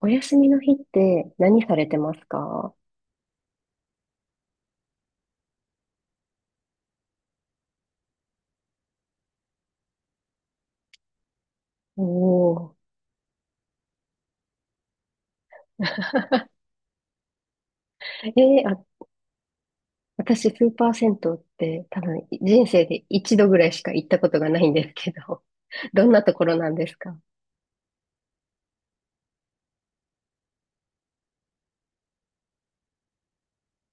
お休みの日って何されてますか？おー。えーあ、私、スーパー銭湯って多分人生で一度ぐらいしか行ったことがないんですけど、どんなところなんですか？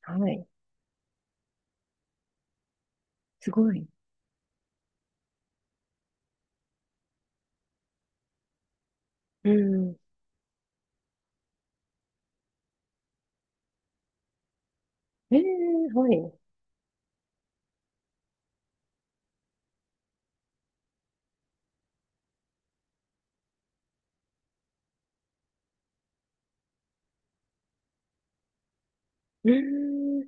はい。すごい。うん。えー、はい。うん。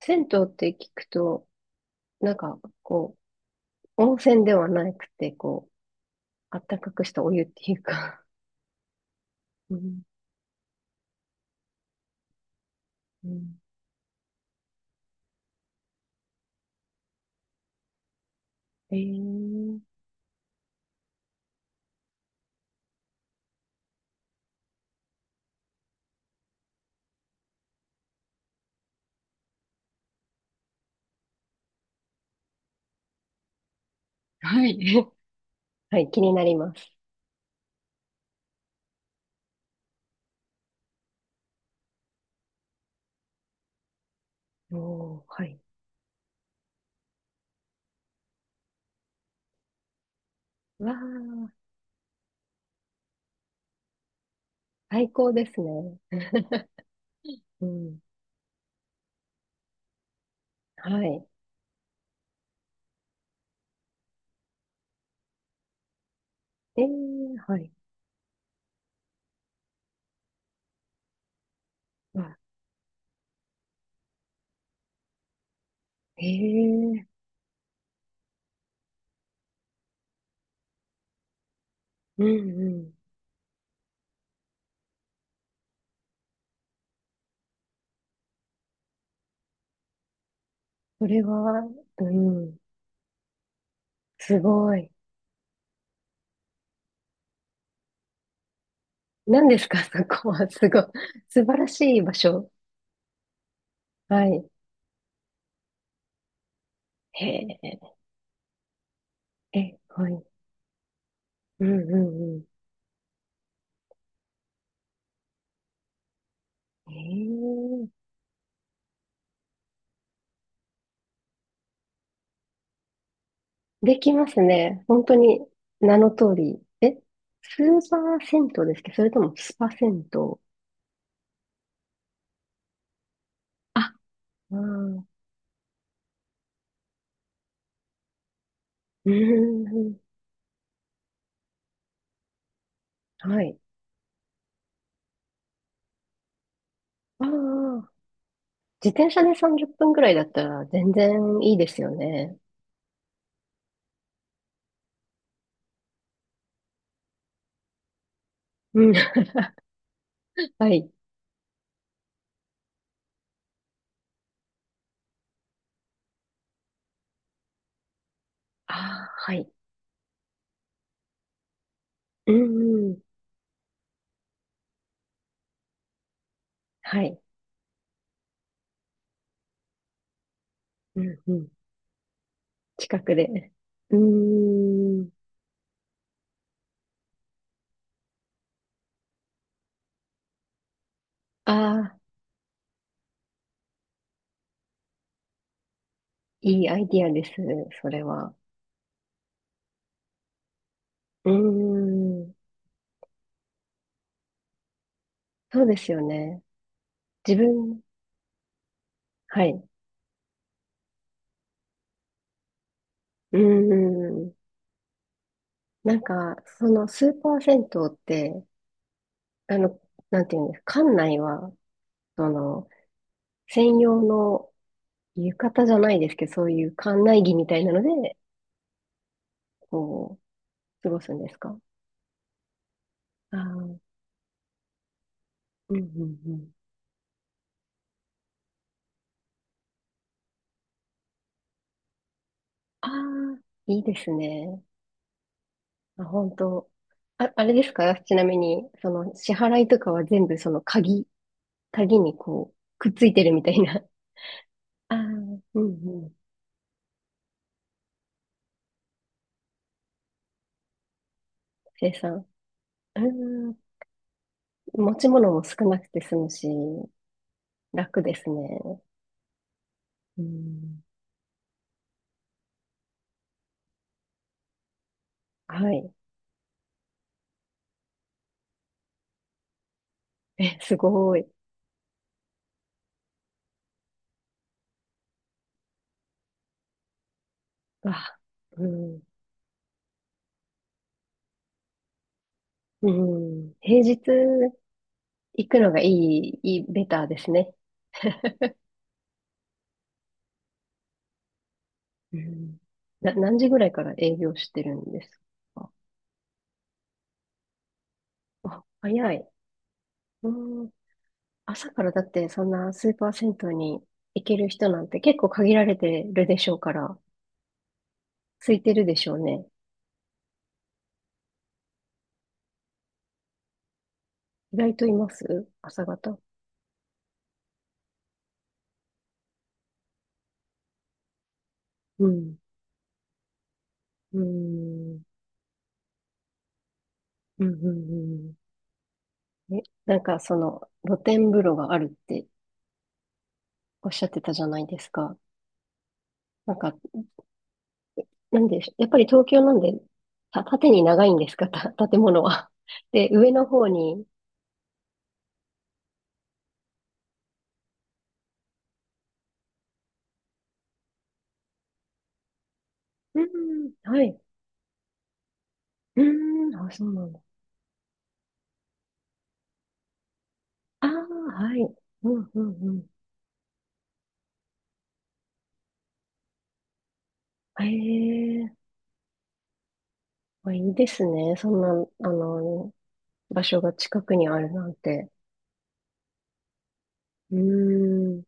銭湯って聞くと、なんか、こう、温泉ではなくて、こう、あったかくしたお湯っていうか。うん。うん。えー、はい。はい、気になります。おー、はい。わあ、最高ですね。うん。はい。えー、はい。わ、ええ、うんうん。それは、うん、すごい。何ですか、そこは。すごい。素晴らしい場所。はい。へえ、え、はい。うんうんうん。ええ、できますね。本当に、名の通り。え、スーパー銭湯ですけど、それともスパ銭湯。あ、ああ、うーん、うん。はい。ああ、自転車で30分くらいだったら全然いいですよね。うん。はい。ああ、はい。うんうん。はい。うんうん。近くで。うーん。ああ、いいアイディアです。それは。うーん。そうですよね。自分、はい。うーん。なんか、そのスーパー銭湯って、あの、なんていうんですか、館内は、その、専用の浴衣じゃないですけど、そういう館内着みたいなので、こう、過ごすんですか？ああ、うんうんうん。ああ、いいですね。あ、本当。あ、あれですかちなみに、その、支払いとかは全部その鍵、鍵にこう、くっついてるみたいな。ああ、うんうん。生産。うーん、持ち物も少なくて済むし、楽ですね。うん、はい。え、すごい。わ、うん、うん。平日行くのがいい、いい、ベターですね。うん。な、何時ぐらいから営業してるんですか？あ、早い。うん。朝からだってそんなスーパー銭湯に行ける人なんて結構限られてるでしょうから、空いてるでしょうね。意外といます朝方。うん。うん。うん。うん。うん。え、なんかその露天風呂があるっておっしゃってたじゃないですか。なんか、なんで、やっぱり東京なんで、た、縦に長いんですか、た、建物は。で、上の方に。うん、はい。うん、あ、そうなんだ。ああ、はい。うん、うん、うん。へえ、まあ、いいですね。そんな、あの、場所が近くにあるなんて。うーん、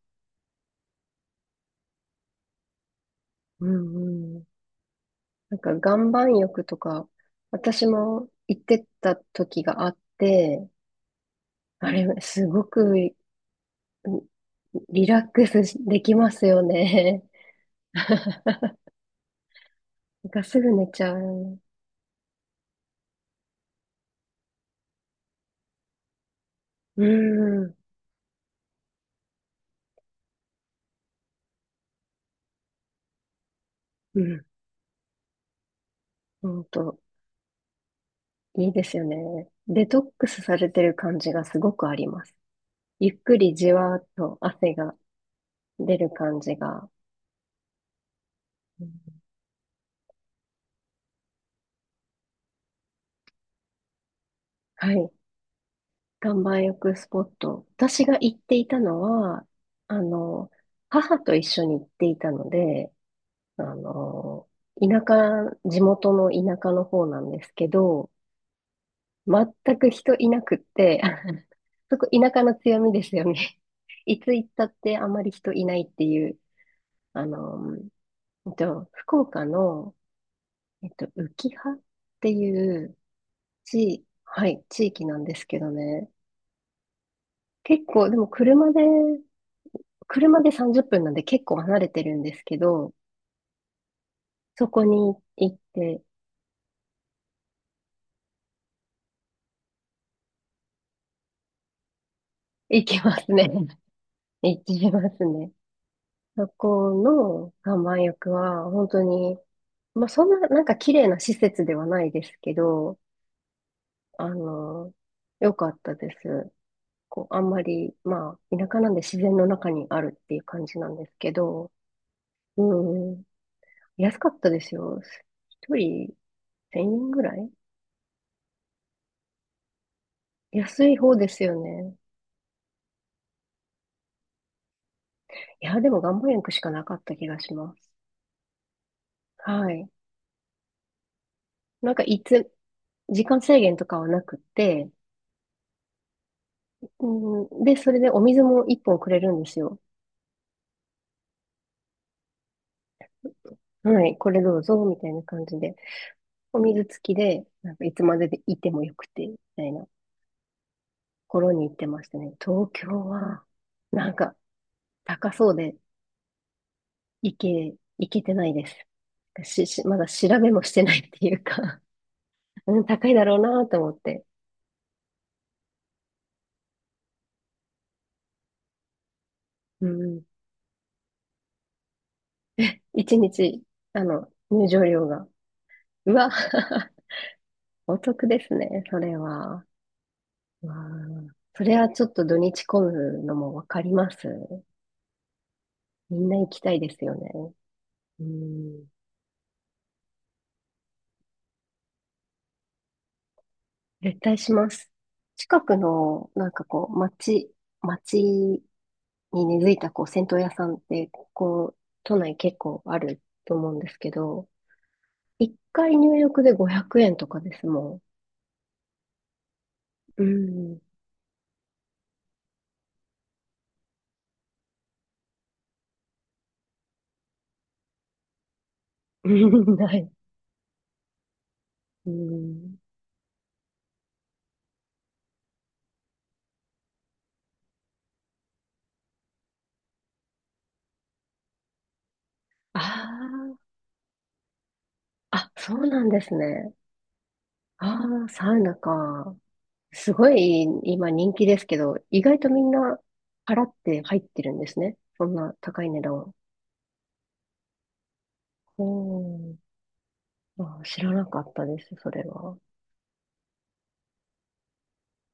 うん、うん。なんか、岩盤浴とか、私も行ってた時があって、あれ、すごくリリラックスできますよね。なんかすぐ寝ちゃう。うーん、うん、ほんと。いいですよね。デトックスされてる感じがすごくあります。ゆっくりじわーっと汗が出る感じが。うん。はい。岩盤浴スポット。私が行っていたのは、あの、母と一緒に行っていたので、あの、田舎、地元の田舎の方なんですけど、全く人いなくって、そこ田舎の強みですよね。いつ行ったってあまり人いないっていう、あの、福岡の、浮羽っていう地、はい、地域なんですけどね。結構、でも車で、車で30分なんで結構離れてるんですけど、そこに行って、行きますね。行きますね。そこの岩盤浴は、本当に、まあ、そんな、なんか綺麗な施設ではないですけど、あの、良かったです。こう、あんまり、まあ、田舎なんで自然の中にあるっていう感じなんですけど、うん、安かったですよ。一人1000円ぐらい安い方ですよね。いや、でも岩盤浴しかなかった気がします。はい。なんかいつ、時間制限とかはなくて、うん、で、それでお水も一本くれるんですよ。はい、これどうぞ、みたいな感じで。お水付きで、なんかいつまででいてもよくて、みたいなところに行ってましたね。東京は、なんか、高そうで、いけ、いけてないです。し、し、まだ調べもしてないっていうか、 うん、高いだろうなと思って。うん。一日、入場料が。うわ。 お得ですね、それは。うん。それはちょっと土日混むのもわかります。みんな行きたいですよね。うん。絶対します。近くの、なんかこう、町、町に根付いたこう銭湯屋さんってこう都内結構あると思うんですけど、一回入浴で500円とかですもん。うん。うんない。うん。ああ、あ、そうなんですね。ああ、サウナか。すごい今人気ですけど、意外とみんな払って入ってるんですね。そんな高い値段を。おー、あー、知らなかったです、それは。